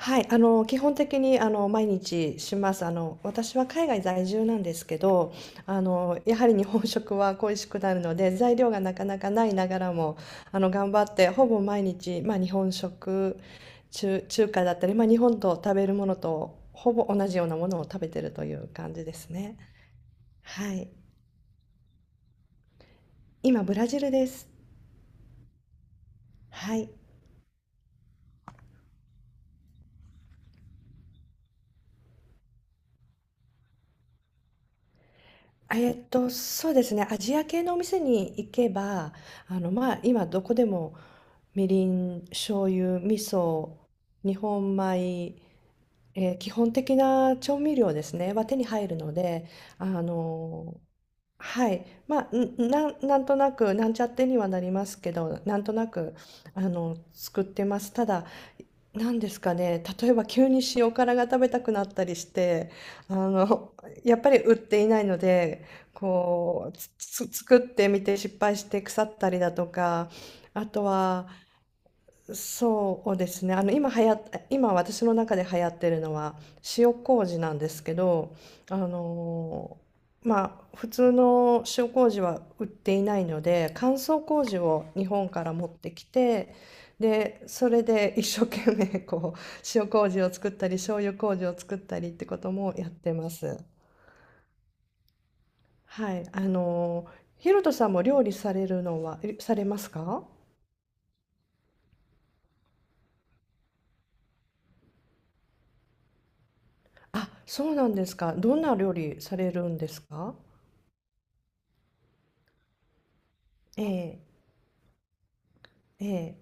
はい、基本的に、毎日します。私は海外在住なんですけど、やはり日本食は恋しくなるので、材料がなかなかないながらも、頑張って、ほぼ毎日、まあ、日本食、中華だったり、まあ、日本と食べるものと、ほぼ同じようなものを食べてるという感じですね。はい。今、ブラジルです。はい。そうですね。アジア系のお店に行けば、まあ、今どこでもみりん、醤油、味噌、日本米、基本的な調味料ですね、は手に入るので、あのーはい、まあ、なんとなく、なんちゃってにはなりますけど、なんとなく、作ってます。ただ、なんですかね、例えば急に塩辛が食べたくなったりして、あの、やっぱり売っていないので、こう、作ってみて失敗して腐ったりだとか、あとは、そうですね。今私の中で流行ってるのは塩麹なんですけど、あのーまあ普通の塩麹は売っていないので、乾燥麹を日本から持ってきて、でそれで一生懸命こう塩麹を作ったり醤油麹を作ったりってこともやってます。はい、ヒロトさんも料理されるのはされますか？あ、そうなんですか。どんな料理されるんですか？ええ、ええ。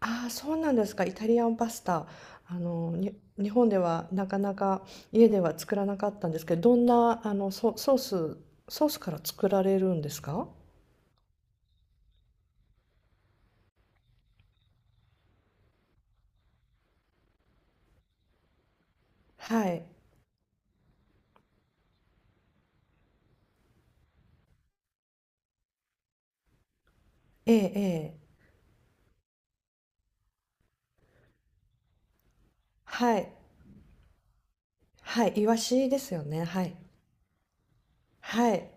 ああ、そうなんですか。イタリアンパスタ。あの、に日本ではなかなか家では作らなかったんですけど、どんな、ソースから作られるんですか。はい。ええ、ええ。はい。はい。イワシですよね。はい。はい。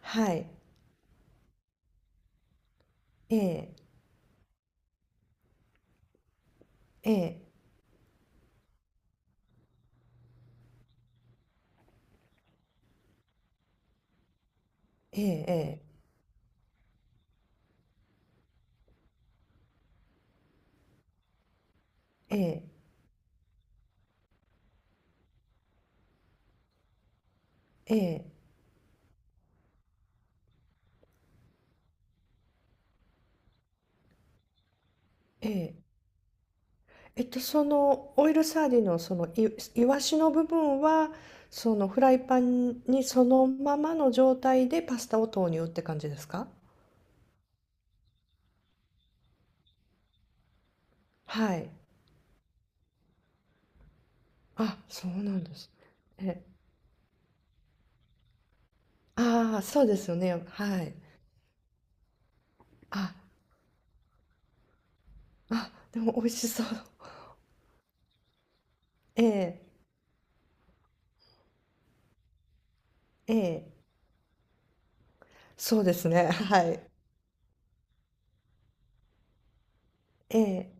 はい。ええ、ええ、ええ、ええ、ええ、ええ、ええ。そのオイルサーディンのそのいいわしの部分はそのフライパンにそのままの状態でパスタを投入って感じですか？はい。あ、そうなんです。え、ああ、そうですよね。はい。あ、あ、でも美味しそう。ええ、ええ、そうですね。はい。ええ、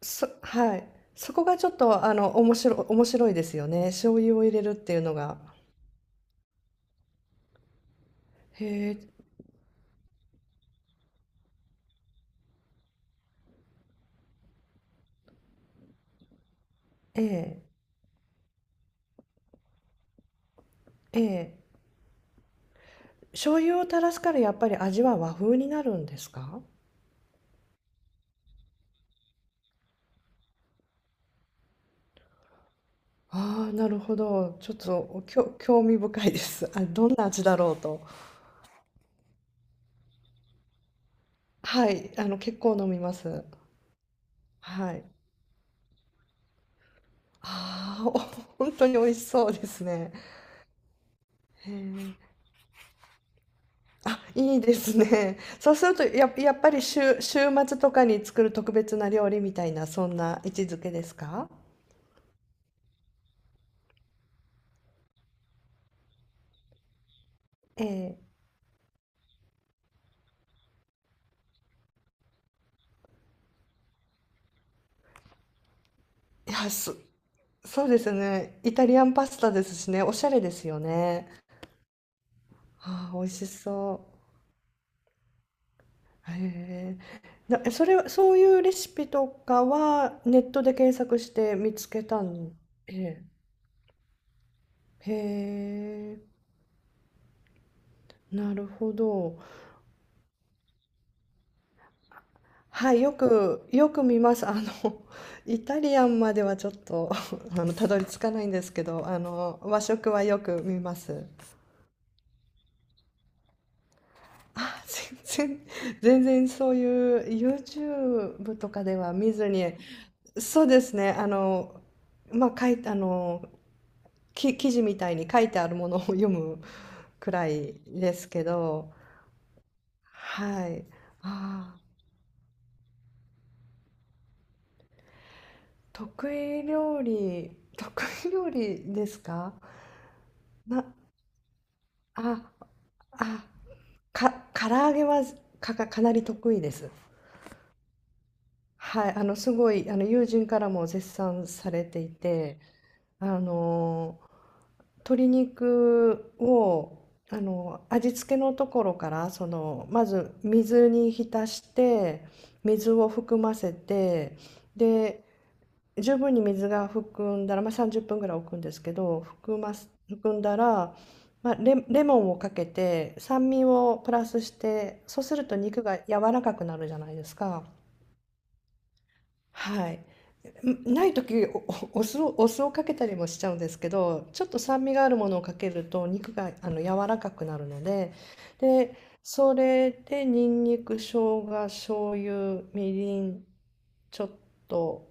はい。そこがちょっと面白いですよね。醤油を入れるっていうのが。へえ、ええ、ええ。醤油を垂らすからやっぱり味は和風になるんですか？ああ、なるほど。ちょっと、興味深いです。あ、どんな味だろうと。はい、結構飲みます。はい。ああ、本当に美味しそうですね。へえ。あ、いいですね。そうすると、やっぱり週末とかに作る特別な料理みたいな、そんな位置づけですか？ええ。いや、そうですね。イタリアンパスタですしね、おしゃれですよね。ああ、美味しそう。へえ。それは、そういうレシピとかはネットで検索して見つけたん。ええ。へえ。なるほど。はい、よく見ます。イタリアンまではちょっと、たどり着かないんですけど、和食はよく見ます。あ、全然、全然そういう YouTube とかでは見ずに、そうですね、まあ、かい、あの、き記事みたいに書いてあるものを読むくらいですけど、はい。ああ、得意料理、得意料理ですか。な、あ、あ、か、唐揚げはかなり得意です。はい、すごい、友人からも絶賛されていて、あの鶏肉を味付けのところからまず水に浸して水を含ませてで十分に水が含んだら、まあ、30分ぐらい置くんですけど含んだら、まあ、レモンをかけて酸味をプラスしてそうすると肉が柔らかくなるじゃないですか。はい、んない時おおお酢を、かけたりもしちゃうんですけどちょっと酸味があるものをかけると肉が柔らかくなるので、でそれでにんにく生姜醤油みりんちょっと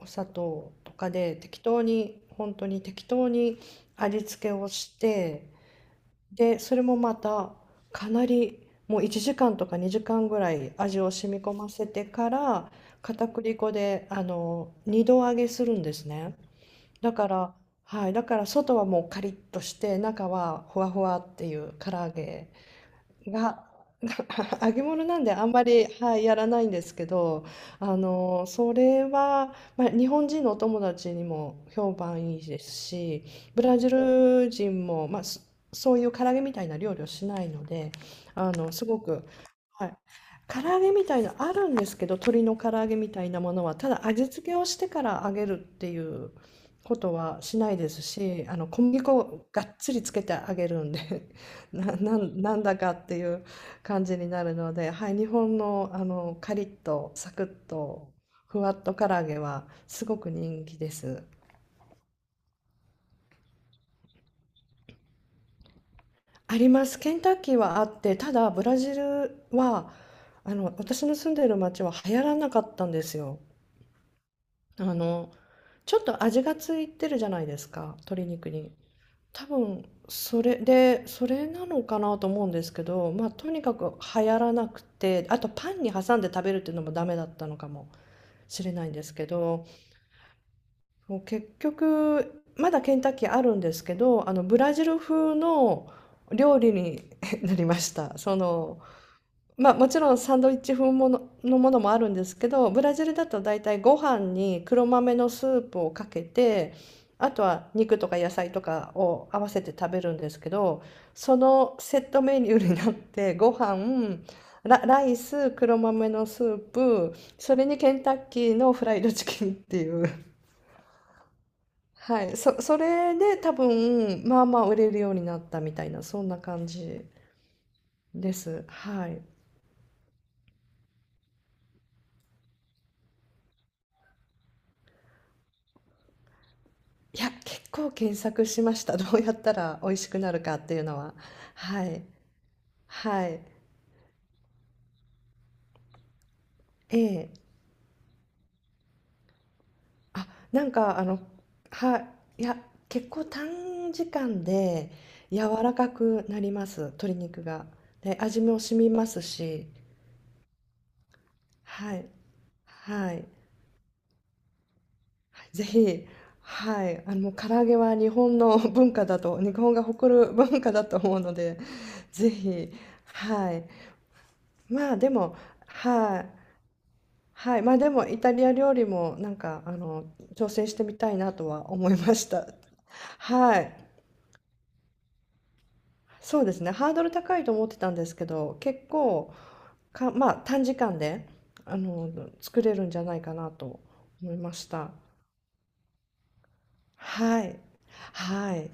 お砂糖とかで適当に本当に適当に味付けをしてで、それもまたかなりもう1時間とか2時間ぐらい味を染み込ませてから片栗粉で2度揚げするんですね。だから、はい、だから外はもうカリッとして中はふわふわっていう唐揚げが 揚げ物なんであんまり、はい、やらないんですけど、それは、まあ、日本人のお友達にも評判いいですし、ブラジル人も、まあ、そういう唐揚げみたいな料理をしないので、あの、すごく、はい。唐揚げみたいなあるんですけど、鶏の唐揚げみたいなものは、ただ味付けをしてから揚げるっていうことはしないですし、小麦粉をがっつりつけて揚げるんでなんだかっていう感じになるので、はい、日本の、カリッとサクッとふわっと唐揚げはすごく人気です。あります。ケンタッキーはあって、ただブラジルは私の住んでいる町は流行らなかったんですよ。あのちょっと味がついてるじゃないですか、鶏肉に。多分それでそれなのかなと思うんですけど、まあ、とにかく流行らなくてあとパンに挟んで食べるっていうのもダメだったのかもしれないんですけど、結局まだケンタッキーあるんですけど、ブラジル風の料理に なりました。まあ、もちろんサンドイッチ風のものもあるんですけど、ブラジルだと大体ご飯に黒豆のスープをかけて、あとは肉とか野菜とかを合わせて食べるんですけど、そのセットメニューになってご飯、ライス、黒豆のスープ、それにケンタッキーのフライドチキンっていう。はい、それで多分まあまあ売れるようになったみたいなそんな感じです。はい。いや、結構検索しました。どうやったら美味しくなるかっていうのは。はい。はい。ええ。あ、なんかはい。いや、結構短時間で柔らかくなります。鶏肉が。で、味も染みますし。はい。はい。ぜひ、はい。唐揚げは日本の文化だと、日本が誇る文化だと思うので、ぜひ、はい。まあ、でも、はい。はい、まあ、でもイタリア料理もなんか挑戦してみたいなとは思いました。はい、そうですね。ハードル高いと思ってたんですけど、結構か、まあ、短時間であの作れるんじゃないかなと思いました。はい、はい。